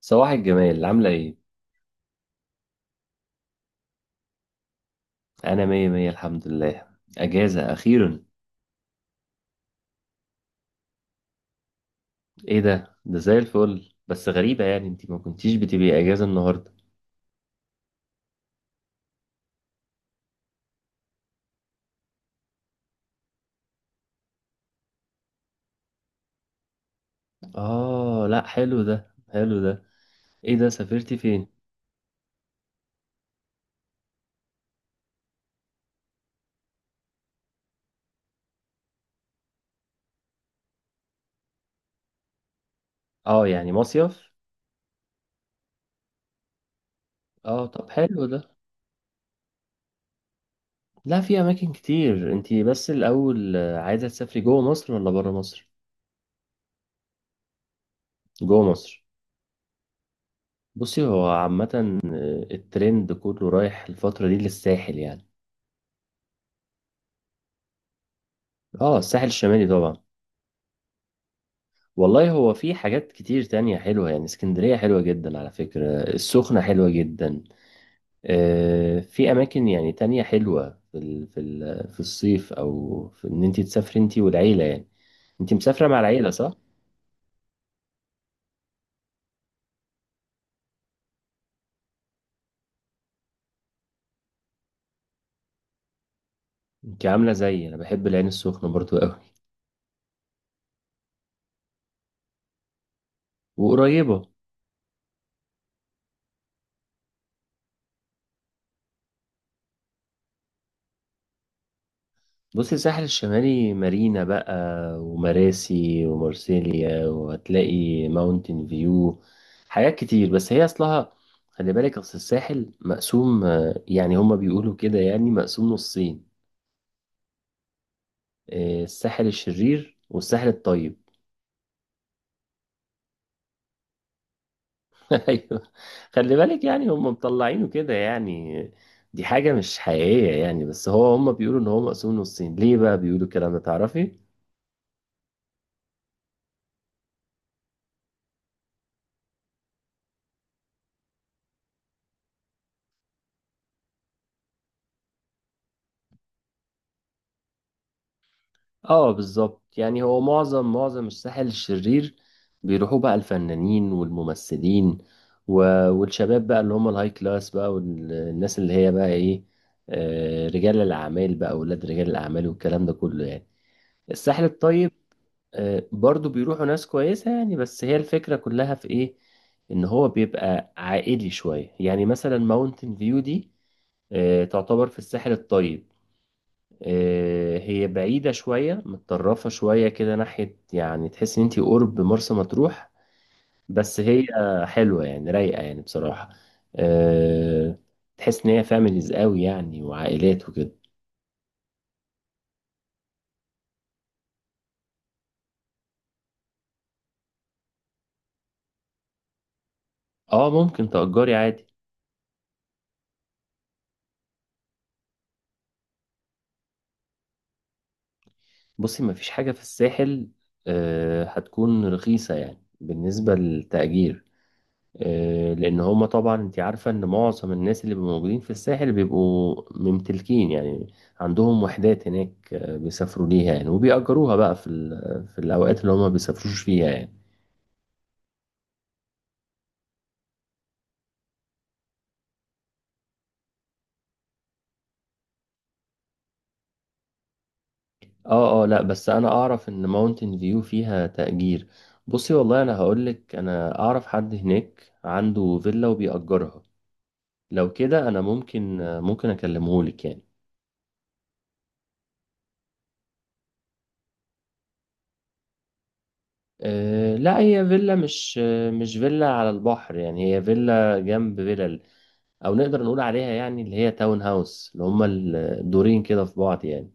صباح الجمال، عاملة ايه؟ أنا مية مية الحمد لله. أجازة أخيرا. ايه ده؟ ده زي الفل، بس غريبة يعني انتي ما كنتيش بتبقي أجازة النهاردة. آه لأ، حلو ده، حلو ده. ايه ده، سافرتي فين؟ آه يعني مصيف؟ آه طب حلو ده. لا، في أماكن كتير. انتي بس الأول عايزة تسافري جوه مصر ولا برا مصر؟ جوه مصر. بصي، هو عامة الترند كله رايح الفترة دي للساحل يعني. آه الساحل الشمالي طبعا. والله هو في حاجات كتير تانية حلوة يعني، اسكندرية حلوة جدا على فكرة، السخنة حلوة جدا. في أماكن يعني تانية حلوة في الصيف، أو في إن أنت تسافري أنت والعيلة يعني. أنت مسافرة مع العيلة صح؟ أنت عاملة زيي، أنا بحب العين السخنة برضو أوي. وقريبة. بص، الساحل الشمالي مارينا بقى، ومراسي ومارسيليا، وهتلاقي ماونتن فيو، حاجات كتير. بس هي اصلها، خلي بالك، اصل الساحل مقسوم، يعني هما بيقولوا كده يعني مقسوم نصين. الساحل الشرير والساحل الطيب ايوه. خلي بالك، يعني هما مطلعينه كده يعني، دي حاجة مش حقيقية يعني، بس هو هما بيقولوا ان هو مقسوم نصين. ليه بقى بيقولوا الكلام ده، تعرفي؟ اه بالظبط، يعني هو معظم الساحل الشرير بيروحوا بقى الفنانين والممثلين، و... والشباب بقى اللي هم الهاي كلاس بقى، والناس اللي هي بقى ايه، آه رجال الاعمال بقى، اولاد رجال الاعمال والكلام ده كله يعني. الساحل الطيب، آه برضو بيروحوا ناس كويسة يعني. بس هي الفكرة كلها في ايه، ان هو بيبقى عائلي شوية يعني. مثلا ماونتن فيو دي آه تعتبر في الساحل الطيب. هي بعيدة شوية، متطرفة شوية كده ناحية، يعني تحس ان انتي قرب مرسى مطروح. بس هي حلوة يعني، رايقة يعني بصراحة. آه، تحس ان هي فاميليز قوي يعني، وعائلات وكده. اه، ممكن تأجري عادي. بصي، مفيش حاجة في الساحل هتكون رخيصة يعني بالنسبة للتأجير. لان هما طبعا انت عارفه ان معظم الناس اللي بيبقوا موجودين في الساحل بيبقوا ممتلكين يعني، عندهم وحدات هناك، بيسافروا ليها يعني، وبيأجروها بقى في الاوقات اللي هما بيسافروش فيها يعني. اه اه، لا بس انا اعرف ان ماونتن فيو فيها تأجير. بصي، والله انا هقولك، انا اعرف حد هناك عنده فيلا وبيأجرها. لو كده انا ممكن، ممكن اكلمهولك يعني. أه لا، هي فيلا مش، مش فيلا على البحر يعني، هي فيلا جنب فيلا، او نقدر نقول عليها يعني اللي هي تاون هاوس، اللي هما الدورين كده في بعض يعني.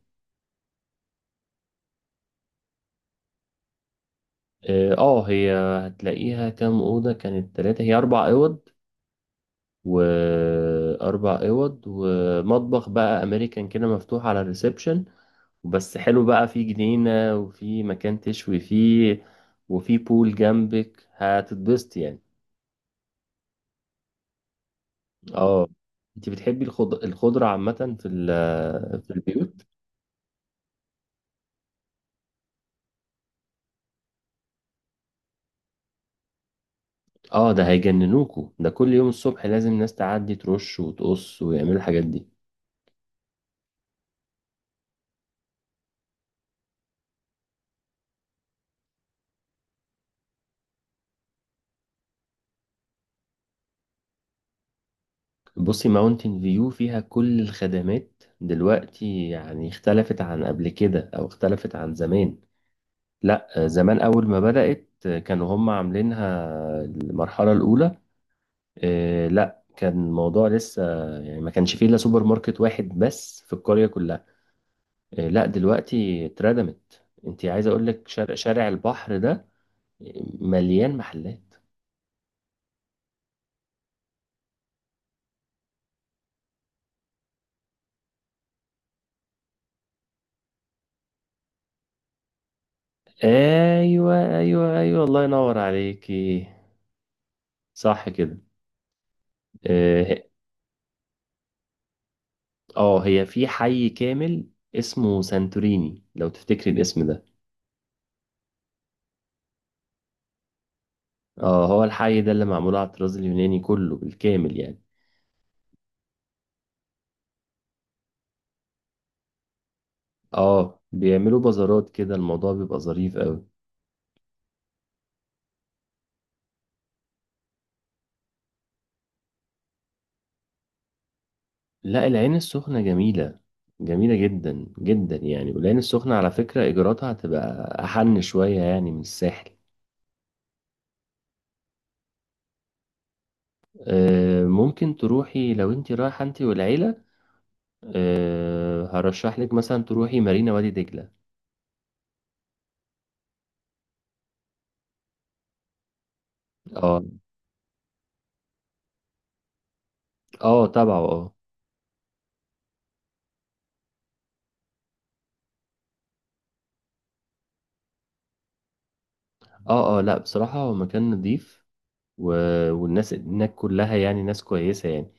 اه هي هتلاقيها كام اوضه، كانت ثلاثه، هي اربع اوض. واربع اوض ومطبخ بقى امريكان كده مفتوح على الريسبشن. بس حلو بقى، في جنينه، وفي مكان تشوي فيه، وفي بول جنبك، هتتبسط يعني. اه. انت بتحبي الخضره عامه في ال... في البيوت. اه، ده هيجننوكوا ده، كل يوم الصبح لازم ناس تعدي ترش وتقص ويعملوا الحاجات دي. بصي، ماونتن فيو فيها كل الخدمات دلوقتي يعني، اختلفت عن قبل كده، او اختلفت عن زمان. لا، زمان اول ما بدأت، كانوا هم عاملينها المرحلة الاولى، آه لا كان الموضوع لسه يعني، ما كانش فيه الا سوبر ماركت واحد بس في القرية كلها. آه لا دلوقتي اتردمت. انت عايز اقول لك، شارع، شارع البحر ده مليان محلات. ايوه ايوه ايوه، الله ينور عليكي. صح كده. اه هي في حي كامل اسمه سانتوريني، لو تفتكري الاسم ده. اه هو الحي ده اللي معمول على الطراز اليوناني كله بالكامل يعني. اه بيعملوا بازارات كده، الموضوع بيبقى ظريف قوي. لا العين السخنة جميلة، جميلة جدا جدا يعني، والعين السخنة على فكرة إيجاراتها هتبقى أحن شوية يعني من الساحل. ممكن تروحي لو انت رايحة انت والعيلة، أه هرشح لك مثلا تروحي مارينا وادي دجلة. اه اه، تبعه اه. اه اه لا بصراحة، هو مكان نضيف، و... والناس هناك كلها يعني ناس كويسة يعني.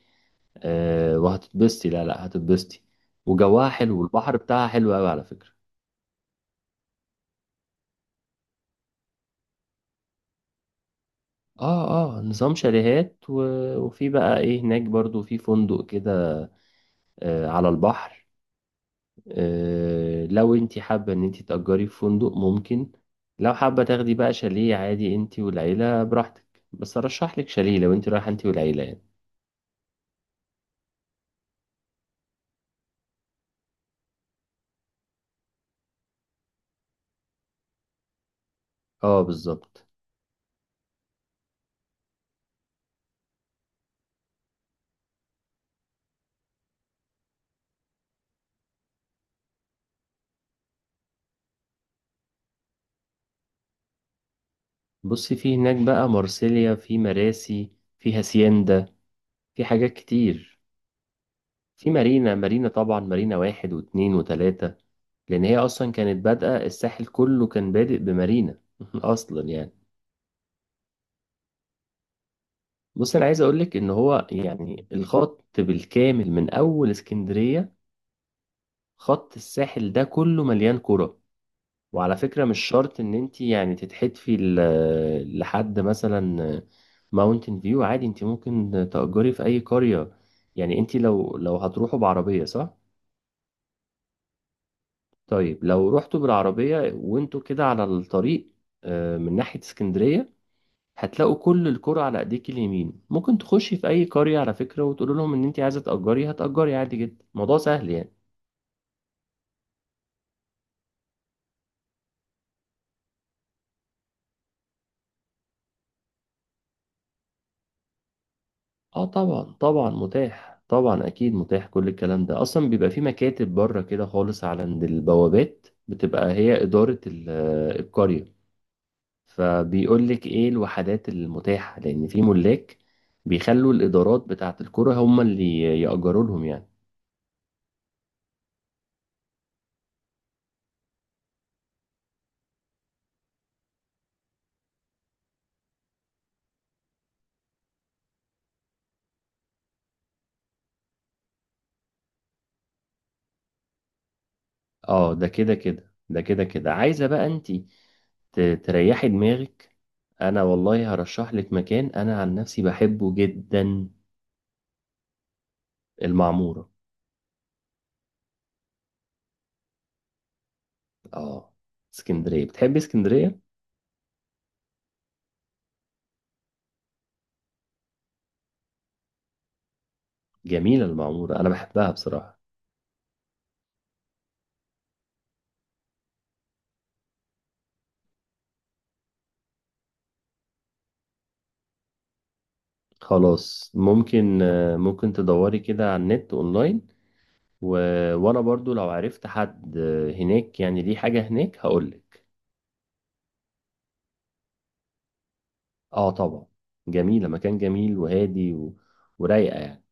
أه وهتتبسطي، لا لا، هتتبسطي. وجواها حلو، والبحر بتاعها حلو قوي على فكرة. اه اه، نظام شاليهات، و... وفي بقى ايه هناك برضو، في فندق كده أه على البحر. لو انت حابة ان انت تأجري في فندق ممكن، لو حابة تاخدي بقى شاليه عادي انت والعيلة براحتك. بس ارشح لك شاليه لو انت رايحة انت والعيلة يعني. اه بالظبط. بصي، في هناك بقى مارسيليا، في مراسي، في هاسيندا، في حاجات كتير. في مارينا، مارينا طبعا، مارينا واحد واتنين وتلاتة، لان هي اصلا كانت بادئة. الساحل كله كان بادئ بمارينا اصلا يعني. بص، انا عايز اقولك ان هو يعني الخط بالكامل من اول اسكندرية، خط الساحل ده كله مليان كرة. وعلى فكرة مش شرط ان انت يعني تتحدفي لحد مثلا ماونتن فيو، عادي انت ممكن تأجري في اي قرية. يعني انت، لو هتروحوا بعربية صح؟ طيب لو رحتوا بالعربية وانتوا كده على الطريق، من ناحية اسكندرية، هتلاقوا كل الكرة على ايديك اليمين. ممكن تخشي في اي قرية على فكرة، وتقول لهم ان انت عايزة تأجري، هتأجري عادي جدا، الموضوع سهل يعني. اه طبعا طبعا متاح، طبعا اكيد متاح، كل الكلام ده اصلا بيبقى في مكاتب بره كده خالص، على عند البوابات، بتبقى هي اداره ال- القريه. فبيقول لك ايه الوحدات المتاحه، لان في ملاك بيخلوا الادارات بتاعه القرى هم اللي ياجروا لهم يعني. اه ده كده كده، ده كده كده، عايزه بقى انت تريحي دماغك. انا والله هرشح لك مكان انا عن نفسي بحبه جدا: المعموره. اه. اسكندريه، بتحبي اسكندريه. جميلة المعمورة، أنا بحبها بصراحة. خلاص، ممكن ممكن تدوري كده على النت أونلاين، و... وأنا برضو لو عرفت حد هناك، يعني ليه حاجة هناك، هقولك. آه طبعا. جميلة، مكان جميل وهادي و... ورايقة يعني.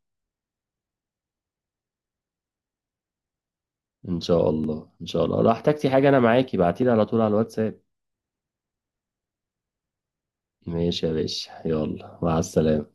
إن شاء الله، إن شاء الله، لو احتجتي حاجة أنا معاكي، بعتيلي على طول على الواتساب. ماشي يا باشا، يلا، مع السلامة.